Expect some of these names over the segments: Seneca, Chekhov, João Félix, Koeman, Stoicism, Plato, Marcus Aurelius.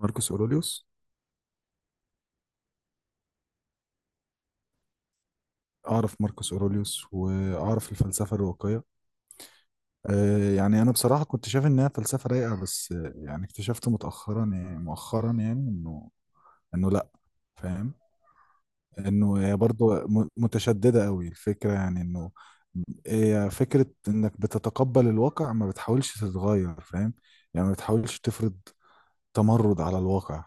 ماركوس اوروليوس. اعرف ماركوس اوروليوس واعرف الفلسفه الرواقيه. أه، يعني انا بصراحه كنت شايف انها فلسفه رايقه، بس يعني اكتشفت مؤخرا، انه لا، فاهم، انه هي برضه متشدده قوي الفكره، يعني انه هي فكره انك بتتقبل الواقع، ما بتحاولش تتغير، فاهم؟ يعني ما بتحاولش تفرض تمرد على الواقع.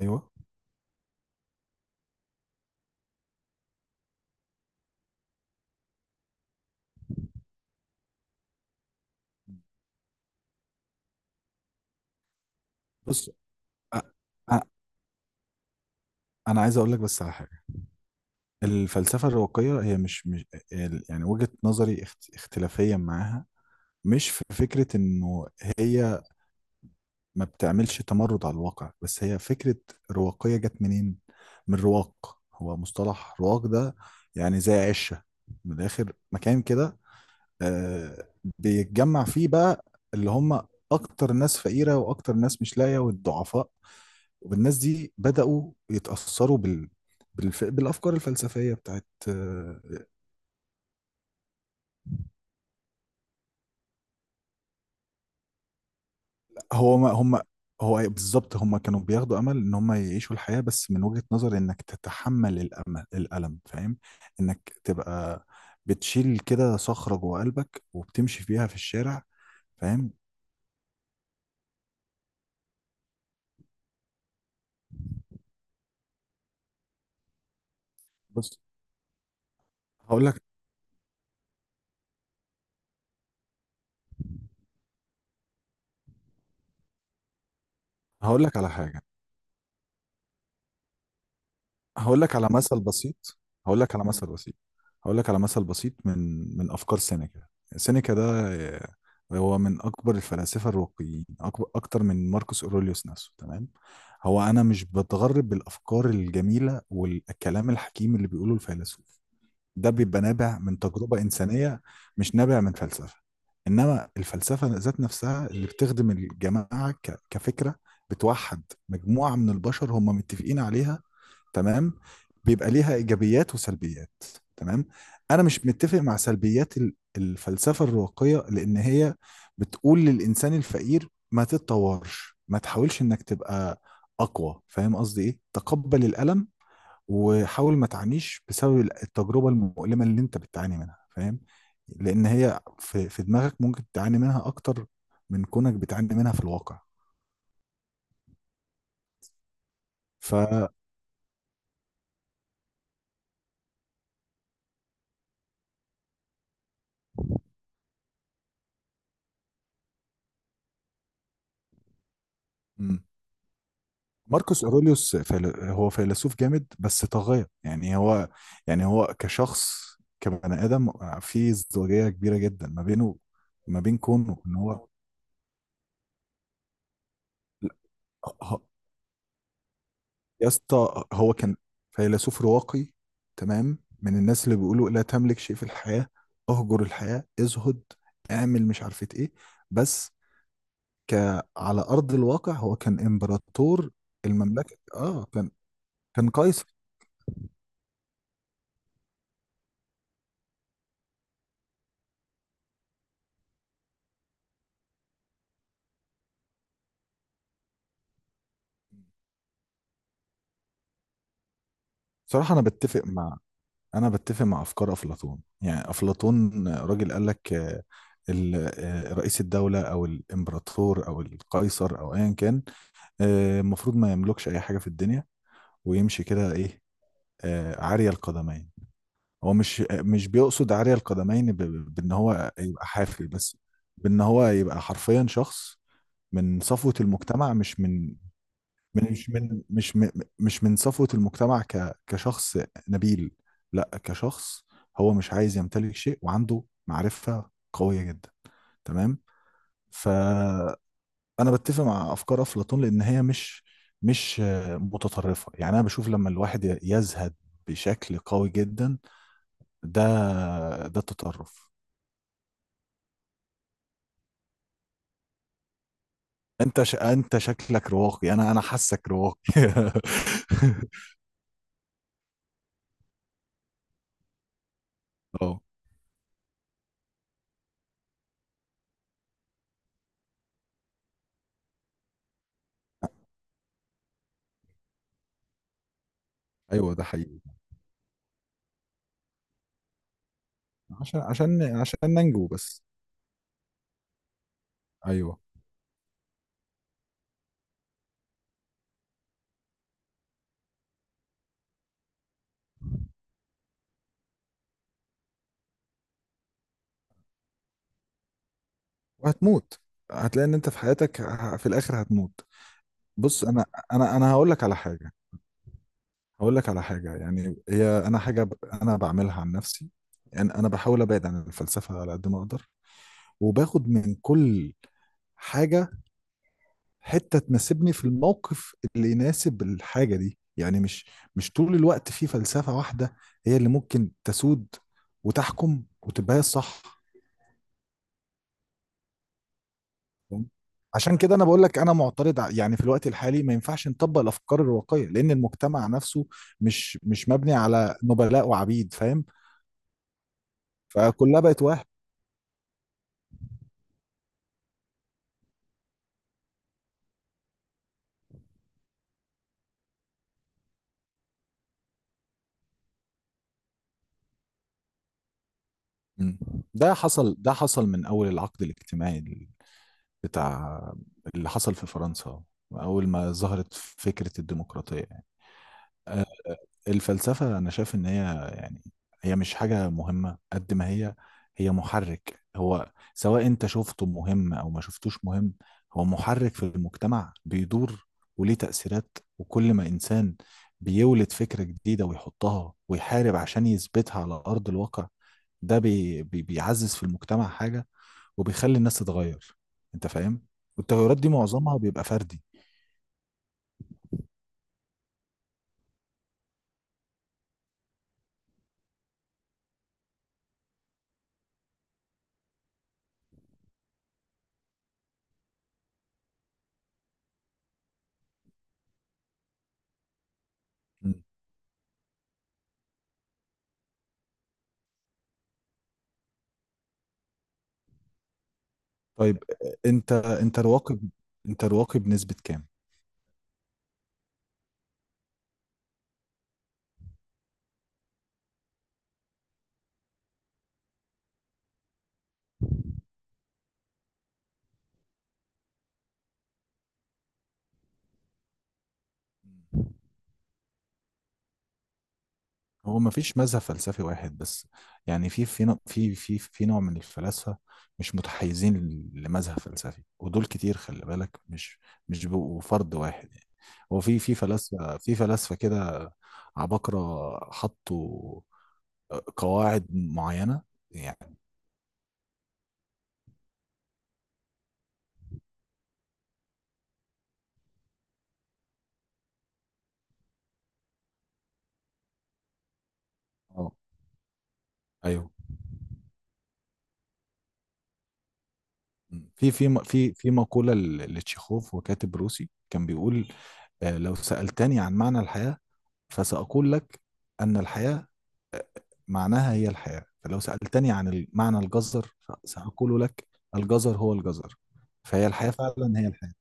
ايوه. بص، أ- أ- انا عايز اقول لك بس على حاجه. الفلسفه الرواقيه هي مش يعني وجهه نظري اختلافيه معاها مش في فكره انه هي ما بتعملش تمرد على الواقع، بس هي فكرة رواقية. جت منين؟ من رواق، هو مصطلح رواق ده يعني زي عشة، من الآخر مكان كده، آه، بيتجمع فيه بقى اللي هم أكتر ناس فقيرة وأكتر ناس مش لاقية والضعفاء، والناس دي بدأوا يتأثروا بالأفكار الفلسفية بتاعت آه،. هو ما هم، هو بالظبط هم كانوا بياخدوا امل ان هم يعيشوا الحياه، بس من وجهه نظر انك تتحمل الالم، فاهم؟ انك تبقى بتشيل كده صخره جوه قلبك وبتمشي فيها في الشارع، فاهم؟ بص، هقول لك هقول لك على حاجه. هقول لك على مثل بسيط هقول لك على مثل بسيط هقول لك على مثل بسيط من افكار سينيكا. سينيكا ده آه، هو من اكبر الفلاسفه الرواقيين، اكبر اكتر من ماركوس اوروليوس نفسه، تمام؟ هو انا مش بتغرب بالافكار الجميله والكلام الحكيم اللي بيقوله الفيلسوف ده، بيبقى نابع من تجربة إنسانية، مش نابع من فلسفة. إنما الفلسفة ذات نفسها اللي بتخدم الجماعة كفكرة، بتوحد مجموعة من البشر هم متفقين عليها، تمام؟ بيبقى ليها إيجابيات وسلبيات. تمام، أنا مش متفق مع سلبيات الفلسفة الرواقية، لأن هي بتقول للإنسان الفقير ما تتطورش، ما تحاولش إنك تبقى أقوى، فاهم قصدي إيه؟ تقبل الألم وحاول ما تعانيش بسبب التجربة المؤلمة اللي انت بتعاني منها، فاهم؟ لان هي في دماغك ممكن تعاني منها اكتر من كونك بتعاني منها في الواقع. ف مم. ماركوس اوروليوس هو فيلسوف جامد بس طاغية. يعني هو، يعني هو كشخص، كبني ادم، في ازدواجية كبيرة جدا ما بينه، ما بين كونه ان هو، يا اسطى هو كان فيلسوف رواقي، تمام؟ من الناس اللي بيقولوا لا تملك شيء في الحياة، اهجر الحياة، ازهد، اعمل مش عارفة ايه، بس ك على ارض الواقع هو كان امبراطور المملكة، اه، كان، كان قيصر. صراحة انا بتفق مع، انا بتفق مع افكار افلاطون. يعني افلاطون راجل قال لك آه، رئيس الدولة او الامبراطور او القيصر او ايا كان، آه، المفروض ما يملكش اي حاجة في الدنيا، ويمشي كده ايه، آه، عارية القدمين. هو مش، بيقصد عارية القدمين بان هو يبقى حافي، بس بان هو يبقى حرفيا شخص من صفوة المجتمع، مش من، من- مش من مش من مش من صفوة المجتمع كشخص نبيل، لا، كشخص هو مش عايز يمتلك شيء، وعنده معرفة قوية جدا، تمام؟ فأنا بتفق مع أفكار أفلاطون، لأن هي مش آه، متطرفة. يعني أنا بشوف لما الواحد يزهد بشكل قوي جدا، ده، ده التطرف. انت انت شكلك رواقي، انا حاسك رواقي. اه. ايوه، ده حقيقي، عشان ننجو بس. ايوه، وهتموت. هتلاقي ان انت في حياتك، في الاخر هتموت. بص انا هقول لك على حاجه. هقول لك على حاجه، يعني هي انا حاجه انا بعملها عن نفسي. يعني انا بحاول ابعد عن الفلسفه على قد ما اقدر، وباخد من كل حاجه حتة تناسبني في الموقف اللي يناسب الحاجة دي. يعني مش طول الوقت في فلسفة واحدة هي اللي ممكن تسود وتحكم وتبقى هي الصح، فاهم؟ عشان كده انا بقول لك انا معترض يعني في الوقت الحالي ما ينفعش نطبق الافكار الرواقية، لان المجتمع نفسه مش مبني على نبلاء وعبيد، فاهم؟ فكلها بقت واحد. مم. ده حصل من اول العقد الاجتماعي ال- بتاع اللي حصل في فرنسا، اول ما ظهرت فكرة الديمقراطية. آه، الفلسفة أنا شايف إن هي، يعني هي مش حاجة مهمة قد ما هي، هي محرك. هو سواء أنت شفته مهم أو ما شفتوش مهم، هو محرك في المجتمع بيدور، وليه تأثيرات. وكل ما إنسان بيولد فكرة جديدة ويحطها ويحارب عشان يثبتها على أرض الواقع، ده بي بي بيعزز في المجتمع حاجة، وبيخلي الناس تتغير. أنت فاهم؟ والتغيرات دي معظمها بيبقى فردي. طيب، انت رواقب، انت رواقب نسبة كام؟ هو ما فيش مذهب فلسفي واحد بس. يعني في في نوع من الفلاسفة مش متحيزين لمذهب فلسفي، ودول كتير، خلي بالك، مش بيبقوا فرد واحد، يعني هو في فلاسفة، في فلاسفة كده عباقرة حطوا آه، قواعد معينة، يعني اه. ايوه، في مقولة لتشيخوف، وكاتب روسي كان بيقول آه، لو سألتني عن معنى الحياة فسأقول لك أن الحياة معناها هي الحياة، فلو سألتني عن معنى الجزر سأقول لك الجزر هو الجزر. فهي الحياة فعلا هي الحياة.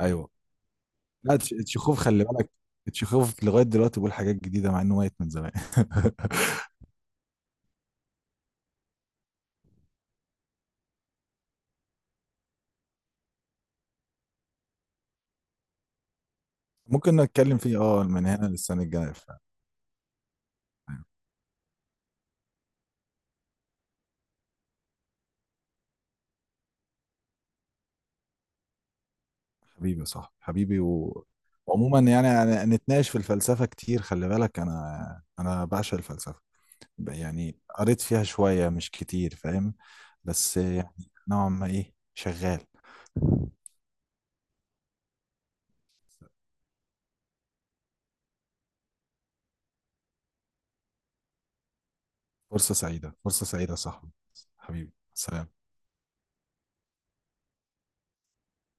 أيوه. لا، تشيخوف خلي بالك، تشيخوف لغاية دلوقتي بيقول حاجات جديدة مع إنه ميت من زمان. ممكن نتكلم فيه، اه، من هنا للسنة الجاية فعلا. حبيبي، صح حبيبي، و... وعموما يعني، يعني نتناقش في الفلسفة كتير، خلي بالك أنا، أنا بعشق الفلسفة، يعني قريت فيها شوية مش كتير، فاهم؟ بس يعني نوعا ما ايه شغال. فرصة سعيدة، فرصة سعيدة يا صاحبي. حبيبي، سلام.